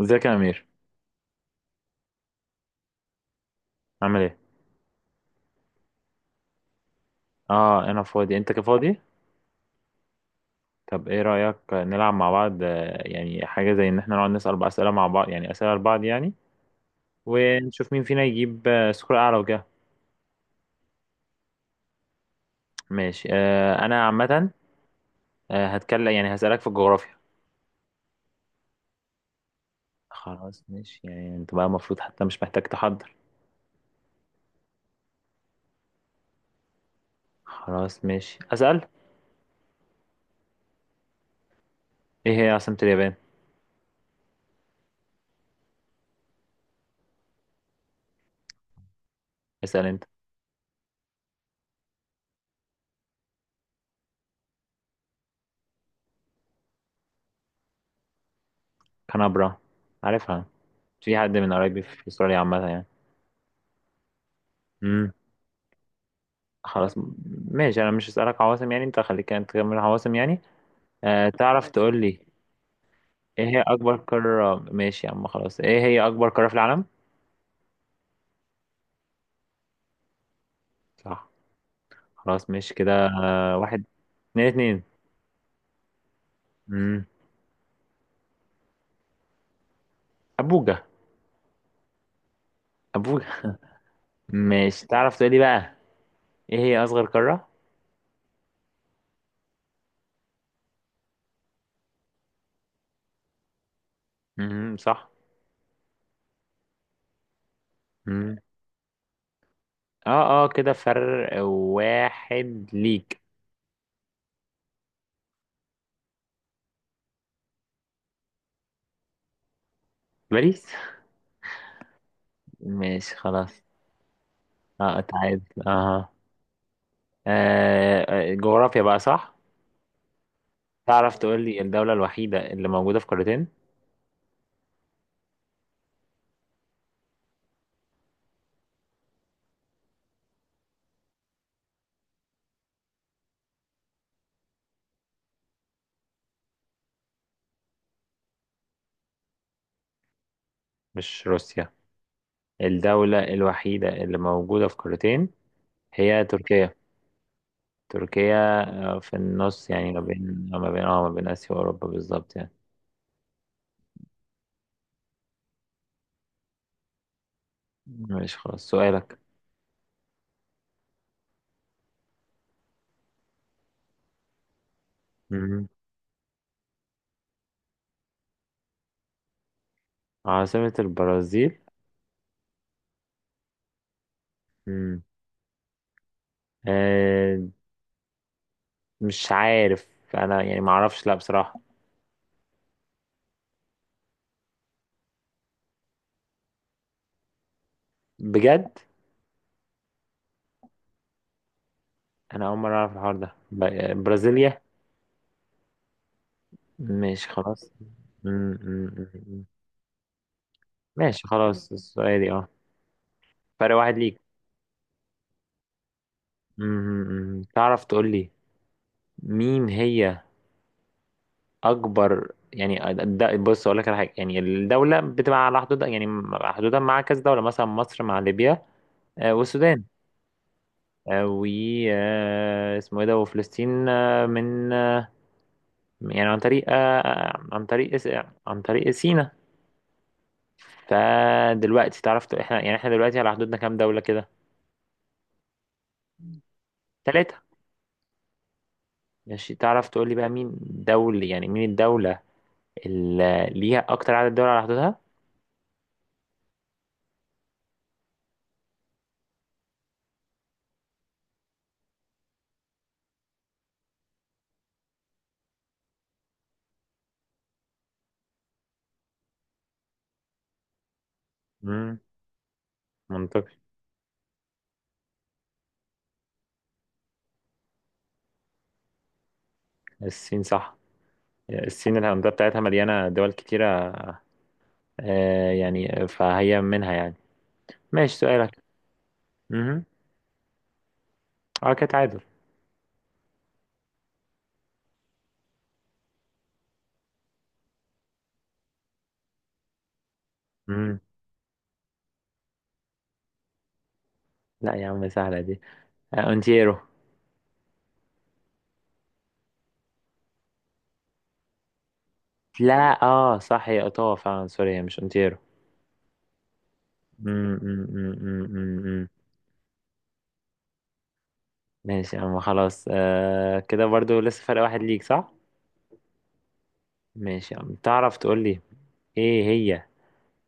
ازيك يا امير؟ عامل ايه؟ اه انا فاضي انت كفاضي. طب ايه رايك نلعب مع بعض، يعني حاجه زي ان احنا نقعد نسال بقى اسئله مع بعض، يعني اسئله لبعض يعني. ونشوف مين فينا يجيب سكور اعلى وكده. ماشي، انا عامه. هتكلم، يعني هسالك في الجغرافيا. خلاص ماشي، يعني انت بقى المفروض حتى مش محتاج تحضر. خلاص ماشي اسال. ايه هي عاصمه اليابان؟ اسال انت. كانبرا. عارفها. في حد من قرايبي في استراليا عامه يعني. امم خلاص ماشي، انا مش هسألك عواصم، يعني انت خليك انت تكمل عواصم يعني. آه تعرف، ماشي تقول لي. ايه هي اكبر قارة؟ ماشي يا عم خلاص، ايه هي اكبر قارة في العالم؟ صح. خلاص ماشي كده. واحد اتنين اتنين. امم ابوجا. ابوجا. ماشي تعرف تقول لي بقى. ايه هي اصغر قارة؟ امم، صح. امم اه اه، كده فرق واحد ليك. باريس. ماشي خلاص. اه تعادل اه، جغرافيا بقى صح. تعرف تقول لي الدولة الوحيدة اللي موجودة في قارتين؟ مش روسيا. الدولة الوحيدة اللي موجودة في قارتين هي تركيا. تركيا، في النص، يعني ما بين ما بين آسيا وأوروبا بالظبط يعني. ماشي خلاص سؤالك. مم. عاصمة البرازيل. مم. آه مش عارف. أنا يعني ما أعرفش لا بصراحة. بجد. أنا أول مرة أعرف الحوار ده برازيليا. ماشي خلاص. مم، مم، مم، مم. ماشي خلاص السؤال اه. فرق واحد ليك. مم. تعرف تقول لي مين هي أكبر، يعني ده بص أقول لك على حاجة، يعني الدولة بتبقى على حدود يعني. حدودها مع كذا دولة، مثلا مصر مع ليبيا والسودان، آه، و آه، اسمه ايه ده، وفلسطين من يعني عن طريق آه، عن طريق س- عن طريق سيناء. فدلوقتي تعرف احنا، يعني احنا دلوقتي على حدودنا كام دولة كده؟ ثلاثة. ماشي تعرف تقول لي بقى مين دولة، يعني مين الدولة اللي ليها أكتر عدد دول على حدودها؟ مم. منطقي. الصين صح. الصين الهندسة بتاعتها مليانة دول كتيرة. آه يعني فهي منها يعني. ماشي سؤالك. امم. اه كده تعادل. امم. لا يا عم سهلة دي. آه اونتيرو. لا اه صح هي اوتاوا فعلا، سوري هي مش اونتيرو. أمم، أمم، أمم، أمم. ماشي يا عم خلاص، آه كده برضو لسه فرق واحد ليك صح. ماشي يا عم تعرف تقول لي ايه هي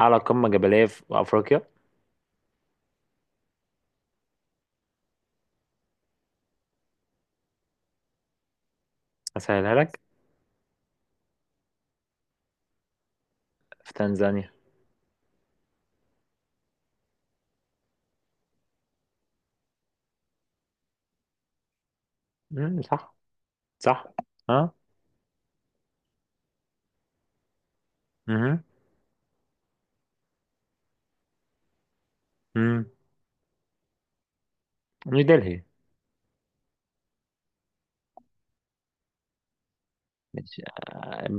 اعلى قمة جبلية في افريقيا؟ اسهلها لك، في تنزانيا. صح. صح. اه. امم. أمم. نيو دلهي. مش-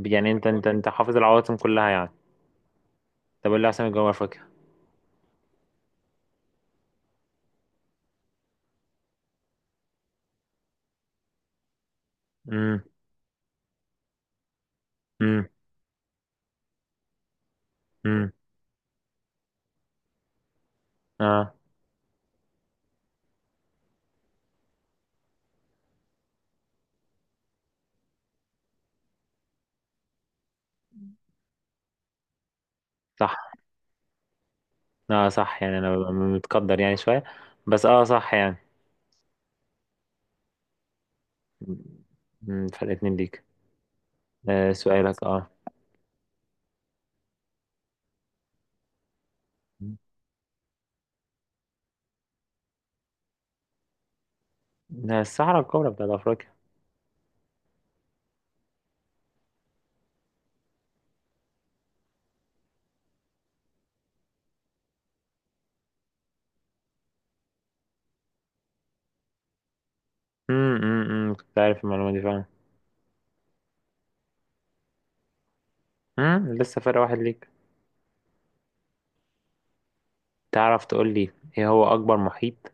يعني انت حافظ العواصم كلها يعني. طب ايه اللي عاصمة جنوب افريقيا؟ امم. امم. امم. اه صح. اه صح، يعني انا ببقى متقدر يعني شوية. بس اه صح يعني. امم، فرق اتنين ليك. آه سؤالك اه. ده الصحراء الكبرى بتاعت افريقيا. امم. أمم، كنت عارف المعلومة دي فعلا. امم، لسه فرق واحد ليك. تعرف تقول لي ايه هو اكبر محيط؟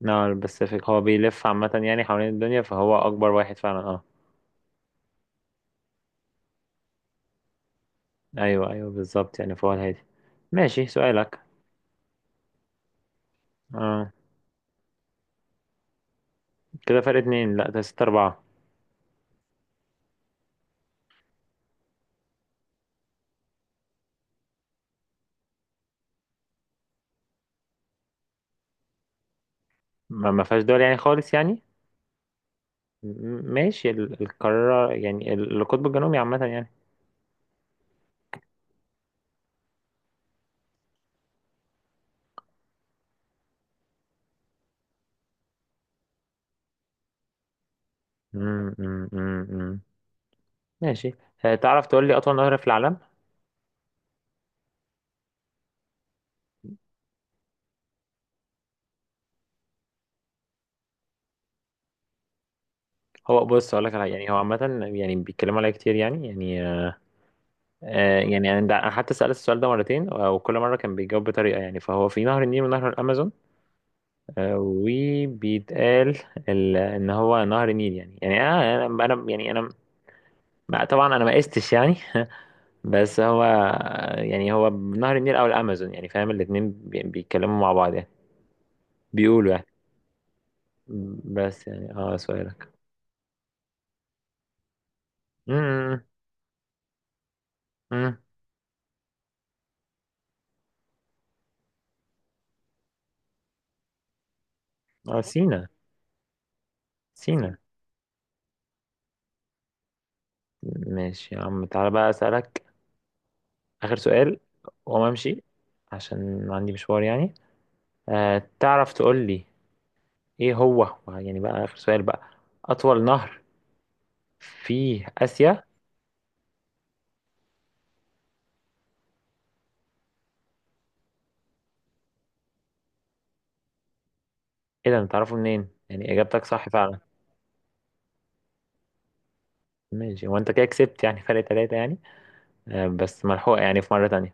لا الباسيفيك هو بيلف عامة يعني حوالين الدنيا، فهو اكبر واحد فعلا اه. ايوه ايوه بالظبط يعني، فهو الهادي. ماشي سؤالك. آه. كده فرق اتنين، لا ده ستة أربعة. ما فيهاش دول يعني خالص يعني. ماشي، القارة يعني، القطب الجنوبي عامة يعني. مم، مم، مم، مم. ماشي. تعرف تقول لي أطول نهر في العالم؟ هو بص أقول لك يعني هو عامة يعني بيتكلموا عليه كتير يعني آه. يعني أنا حتى سألت السؤال ده مرتين، وكل مرة كان بيجاوب بطريقة يعني، فهو في نهر النيل ونهر الأمازون وبيتقال ان هو نهر النيل يعني، يعني انا انا أنا- يعني انا ما- طبعا انا ما قستش يعني بس هو يعني هو نهر النيل او الامازون يعني، فاهم الاتنين بيتكلموا مع بعض يعني، بيقولوا يعني. بس يعني اه سؤالك. امم امم اه سينا. سينا. ماشي يا عم تعالى بقى اسالك اخر سؤال وما امشي، عشان عندي مشوار يعني. آه تعرف تقول لي ايه هو، يعني بقى اخر سؤال بقى، اطول نهر في آسيا؟ ايه ده انت تعرفه منين يعني، اجابتك صح فعلا. ماشي وانت كده كسبت يعني فرق ثلاثة يعني، بس ملحوقة يعني في مرة تانية.